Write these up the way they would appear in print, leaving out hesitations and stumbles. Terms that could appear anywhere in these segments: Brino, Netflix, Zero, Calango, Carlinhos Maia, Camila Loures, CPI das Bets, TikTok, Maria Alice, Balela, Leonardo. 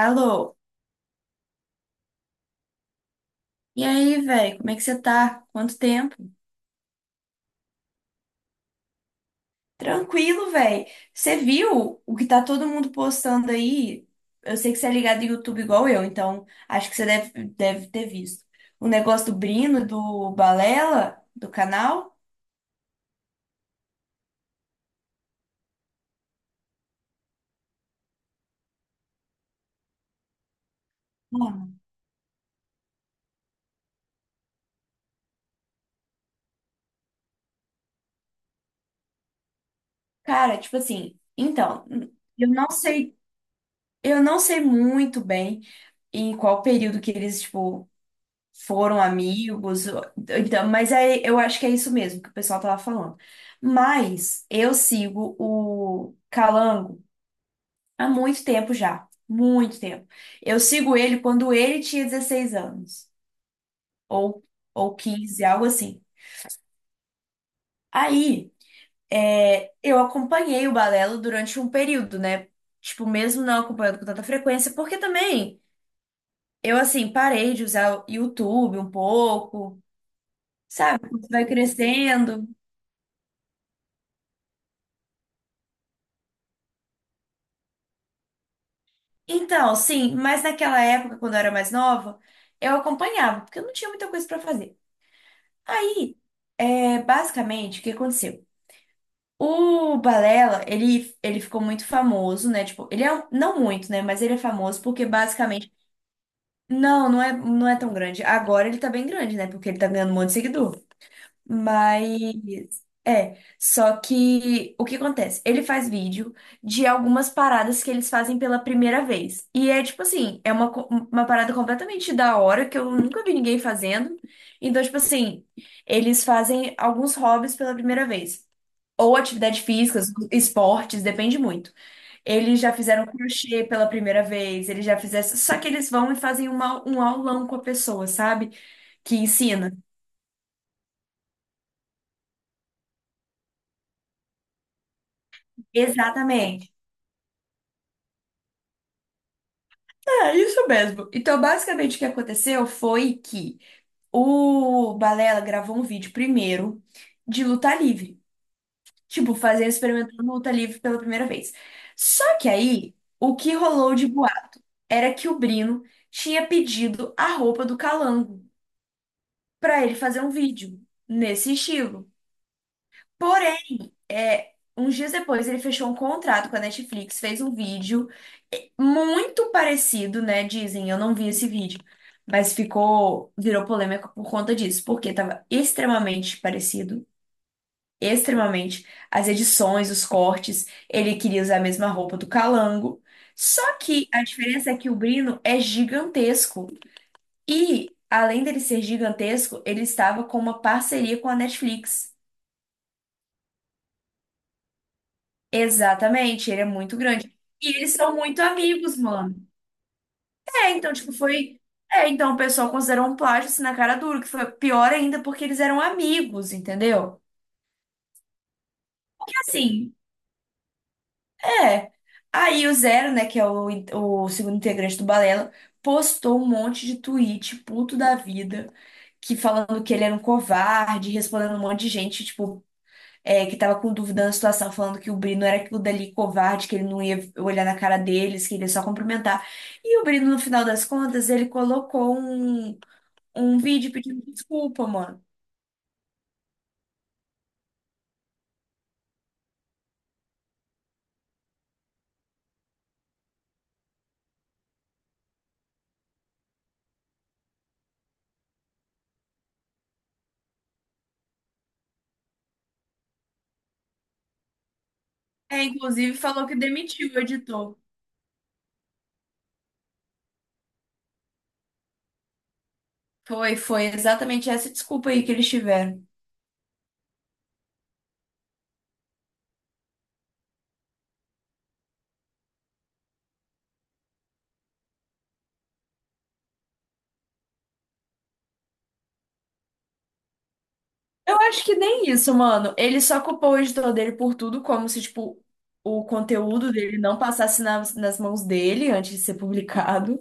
Alô? E aí, velho? Como é que você tá? Quanto tempo? Tranquilo, velho. Você viu o que tá todo mundo postando aí? Eu sei que você é ligado em YouTube igual eu, então acho que você deve ter visto. O negócio do Brino, do Balela, do canal. Mano, cara, tipo assim, então, eu não sei, eu não sei muito bem em qual período que eles, tipo, foram amigos, então, mas é, eu acho que é isso mesmo que o pessoal tava falando. Mas eu sigo o Calango há muito tempo já, muito tempo. Eu sigo ele quando ele tinha 16 anos, ou, ou 15 algo assim. Aí, é, eu acompanhei o Balelo durante um período, né? Tipo, mesmo não acompanhando com tanta frequência, porque também eu, assim, parei de usar o YouTube um pouco, sabe? Você vai crescendo. Então, sim, mas naquela época, quando eu era mais nova, eu acompanhava, porque eu não tinha muita coisa pra fazer. Aí, é, basicamente, o que aconteceu? O Balela, ele ficou muito famoso, né? Tipo, ele é, não muito, né? Mas ele é famoso porque, basicamente, não, não é tão grande. Agora ele tá bem grande, né? Porque ele tá ganhando um monte de seguidor. Mas é, só que o que acontece? Ele faz vídeo de algumas paradas que eles fazem pela primeira vez. E é tipo assim, é uma parada completamente da hora que eu nunca vi ninguém fazendo. Então, tipo assim, eles fazem alguns hobbies pela primeira vez. Ou atividade física, esportes, depende muito. Eles já fizeram crochê pela primeira vez, eles já fizeram. Só que eles vão e fazem um aulão com a pessoa, sabe? Que ensina. Exatamente. É isso mesmo. Então, basicamente, o que aconteceu foi que o Balela gravou um vídeo primeiro de luta livre. Tipo, fazer experimentando luta livre pela primeira vez. Só que aí, o que rolou de boato era que o Brino tinha pedido a roupa do Calango pra ele fazer um vídeo nesse estilo. É, uns dias depois ele fechou um contrato com a Netflix, fez um vídeo muito parecido, né? Dizem, eu não vi esse vídeo, mas virou polêmica por conta disso, porque tava extremamente parecido, extremamente. As edições, os cortes, ele queria usar a mesma roupa do Calango. Só que a diferença é que o Brino é gigantesco e, além dele ser gigantesco, ele estava com uma parceria com a Netflix. Exatamente, ele é muito grande. E eles são muito amigos, mano. É, então, tipo, foi. É, então o pessoal considerou um plágio assim na cara dura, que foi pior ainda porque eles eram amigos, entendeu? E assim, é. Aí o Zero, né, que é o segundo integrante do Balela, postou um monte de tweet, puto da vida, que falando que ele era um covarde, respondendo um monte de gente, tipo, que tava com dúvida na situação, falando que o Brino era o dali covarde, que ele não ia olhar na cara deles, que ele ia só cumprimentar. E o Brino, no final das contas, ele colocou um vídeo pedindo desculpa, mano. É, inclusive falou que demitiu o editor. Foi exatamente essa desculpa aí que eles tiveram. Eu acho que nem isso, mano. Ele só culpou o editor dele por tudo, como se, tipo, o conteúdo dele não passasse nas mãos dele antes de ser publicado.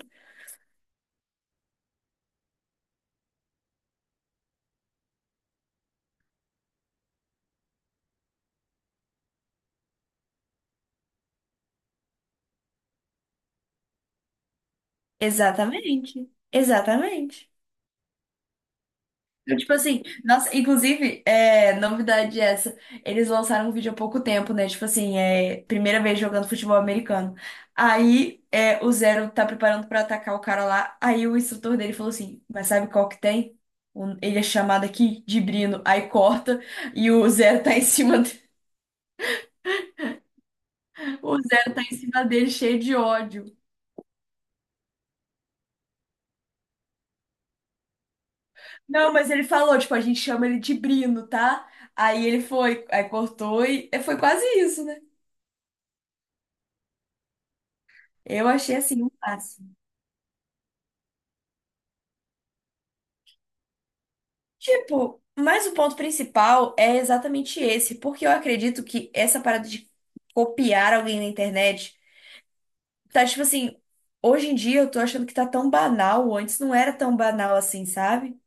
Exatamente. Exatamente. Tipo assim, nossa, inclusive, novidade essa, eles lançaram um vídeo há pouco tempo, né? Tipo assim, é primeira vez jogando futebol americano. Aí o Zero tá preparando pra atacar o cara lá, aí o instrutor dele falou assim, mas sabe qual que tem? Ele é chamado aqui de Brino, aí corta e o Zero tá em cima, o Zero tá em cima dele cheio de ódio. Não, mas ele falou, tipo, a gente chama ele de Brino, tá? Aí ele foi, aí cortou e foi quase isso, né? Eu achei assim um passe. Tipo, mas o ponto principal é exatamente esse, porque eu acredito que essa parada de copiar alguém na internet tá tipo assim, hoje em dia eu tô achando que tá tão banal, antes não era tão banal assim, sabe?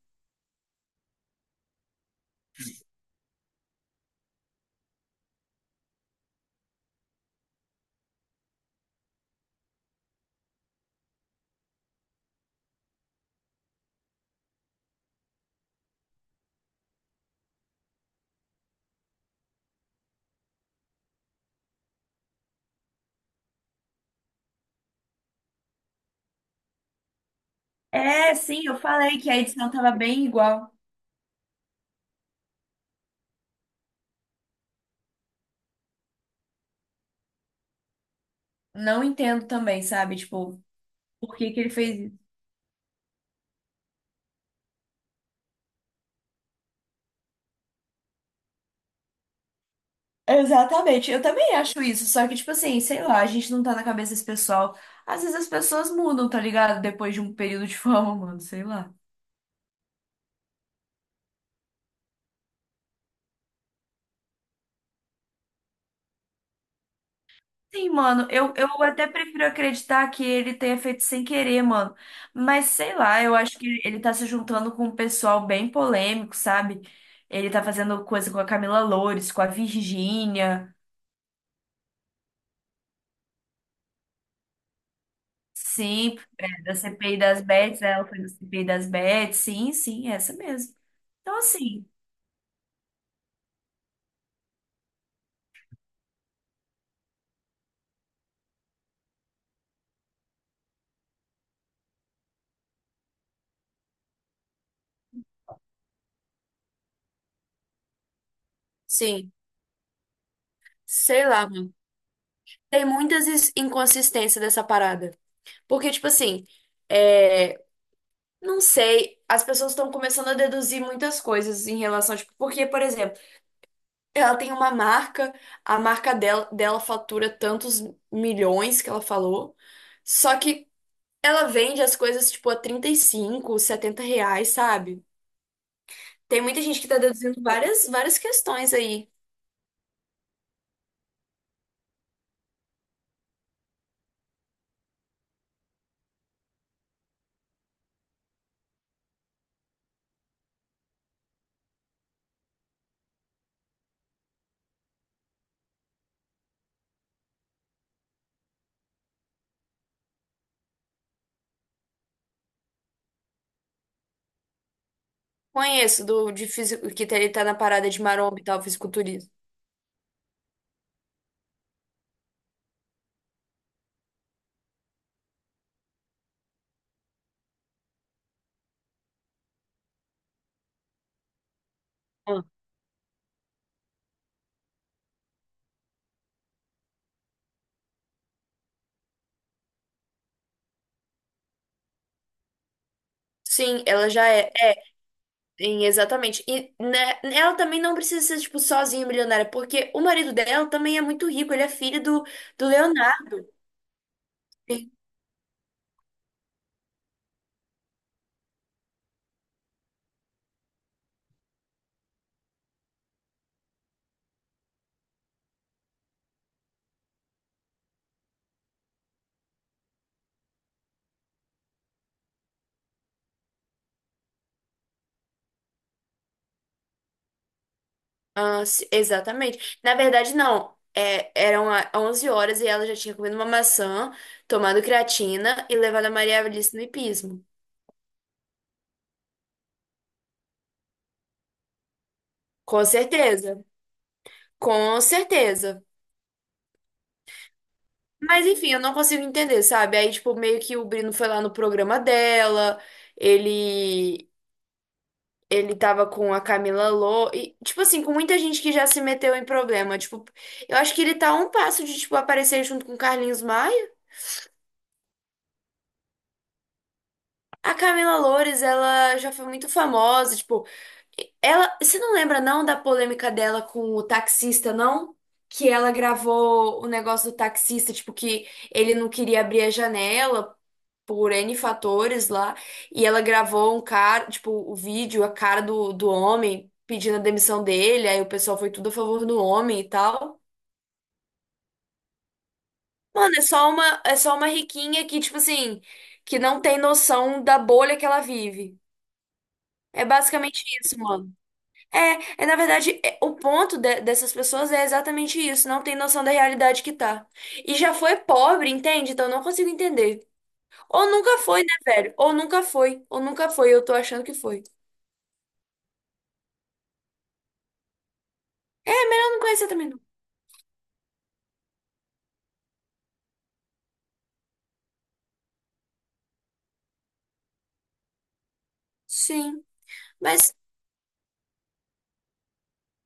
É, sim, eu falei que a edição tava bem igual. Não entendo também, sabe? Tipo, por que que ele fez isso? Exatamente, eu também acho isso, só que tipo assim, sei lá, a gente não tá na cabeça desse pessoal. Às vezes as pessoas mudam, tá ligado? Depois de um período de fama, mano, sei lá. Sim, mano, eu até prefiro acreditar que ele tenha feito sem querer, mano. Mas sei lá, eu acho que ele tá se juntando com um pessoal bem polêmico, sabe? Ele tá fazendo coisa com a Camila Loures, com a Virgínia, sim, é, da CPI das Bets, né? Ela foi da CPI das Bets, sim, sim, é essa mesmo. Então, assim, sim, sei lá, mano. Tem muitas inconsistências dessa parada. Porque, tipo assim, não sei, as pessoas estão começando a deduzir muitas coisas em relação, tipo, porque, por exemplo, ela tem uma marca, a marca dela fatura tantos milhões que ela falou, só que ela vende as coisas, tipo, a 35, 70 reais, sabe? Tem muita gente que tá deduzindo várias, várias questões aí. Conheço do de físico, que ele tá na parada de maromba e tal, fisiculturismo. Ah, sim, ela já é. Sim, exatamente. E né, ela também não precisa ser, tipo, sozinha milionária, porque o marido dela também é muito rico, ele é filho do Leonardo. Sim. Ah, sim, exatamente. Na verdade, não. É, eram 11 horas e ela já tinha comido uma maçã, tomado creatina e levado a Maria Alice no hipismo. Com certeza. Com certeza. Mas enfim, eu não consigo entender, sabe? Aí, tipo, meio que o Brino foi lá no programa dela, ele Ele tava com a Camila Lô e, tipo assim, com muita gente que já se meteu em problema. Tipo, eu acho que ele tá a um passo de, tipo, aparecer junto com o Carlinhos Maia. A Camila Loures, ela já foi muito famosa, tipo, você não lembra não da polêmica dela com o taxista, não? Que ela gravou o negócio do taxista, tipo, que ele não queria abrir a janela por N fatores lá, e ela gravou um cara, tipo, o vídeo, a cara do homem pedindo a demissão dele, aí o pessoal foi tudo a favor do homem e tal. Mano, é só uma riquinha que, tipo assim, que não tem noção da bolha que ela vive. É basicamente isso, mano. É na verdade, o ponto dessas pessoas é exatamente isso, não tem noção da realidade que tá. E já foi pobre, entende? Então eu não consigo entender. Ou nunca foi, né, velho? Ou nunca foi, eu tô achando que foi. Não conhecia também não. Sim, mas,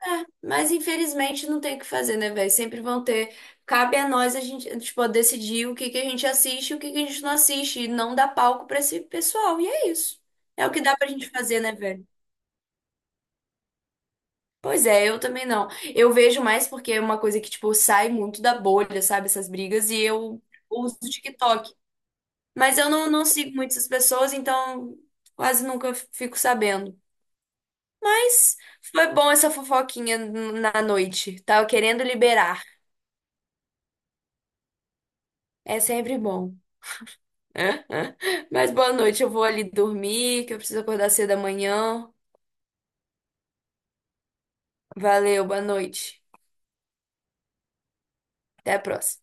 mas infelizmente não tem o que fazer, né, velho? Sempre vão ter. Cabe a nós a gente, tipo, decidir o que que a gente assiste e o que que a gente não assiste. E não dar palco pra esse pessoal. E é isso. É o que dá pra gente fazer, né, velho? Pois é, eu também não. Eu vejo mais porque é uma coisa que, tipo, sai muito da bolha, sabe? Essas brigas. E eu uso o TikTok. Mas eu não sigo muito essas pessoas, então quase nunca fico sabendo. Mas foi bom essa fofoquinha na noite. Tava querendo liberar. É sempre bom. Mas boa noite, eu vou ali dormir, que eu preciso acordar cedo amanhã. Valeu, boa noite. Até a próxima.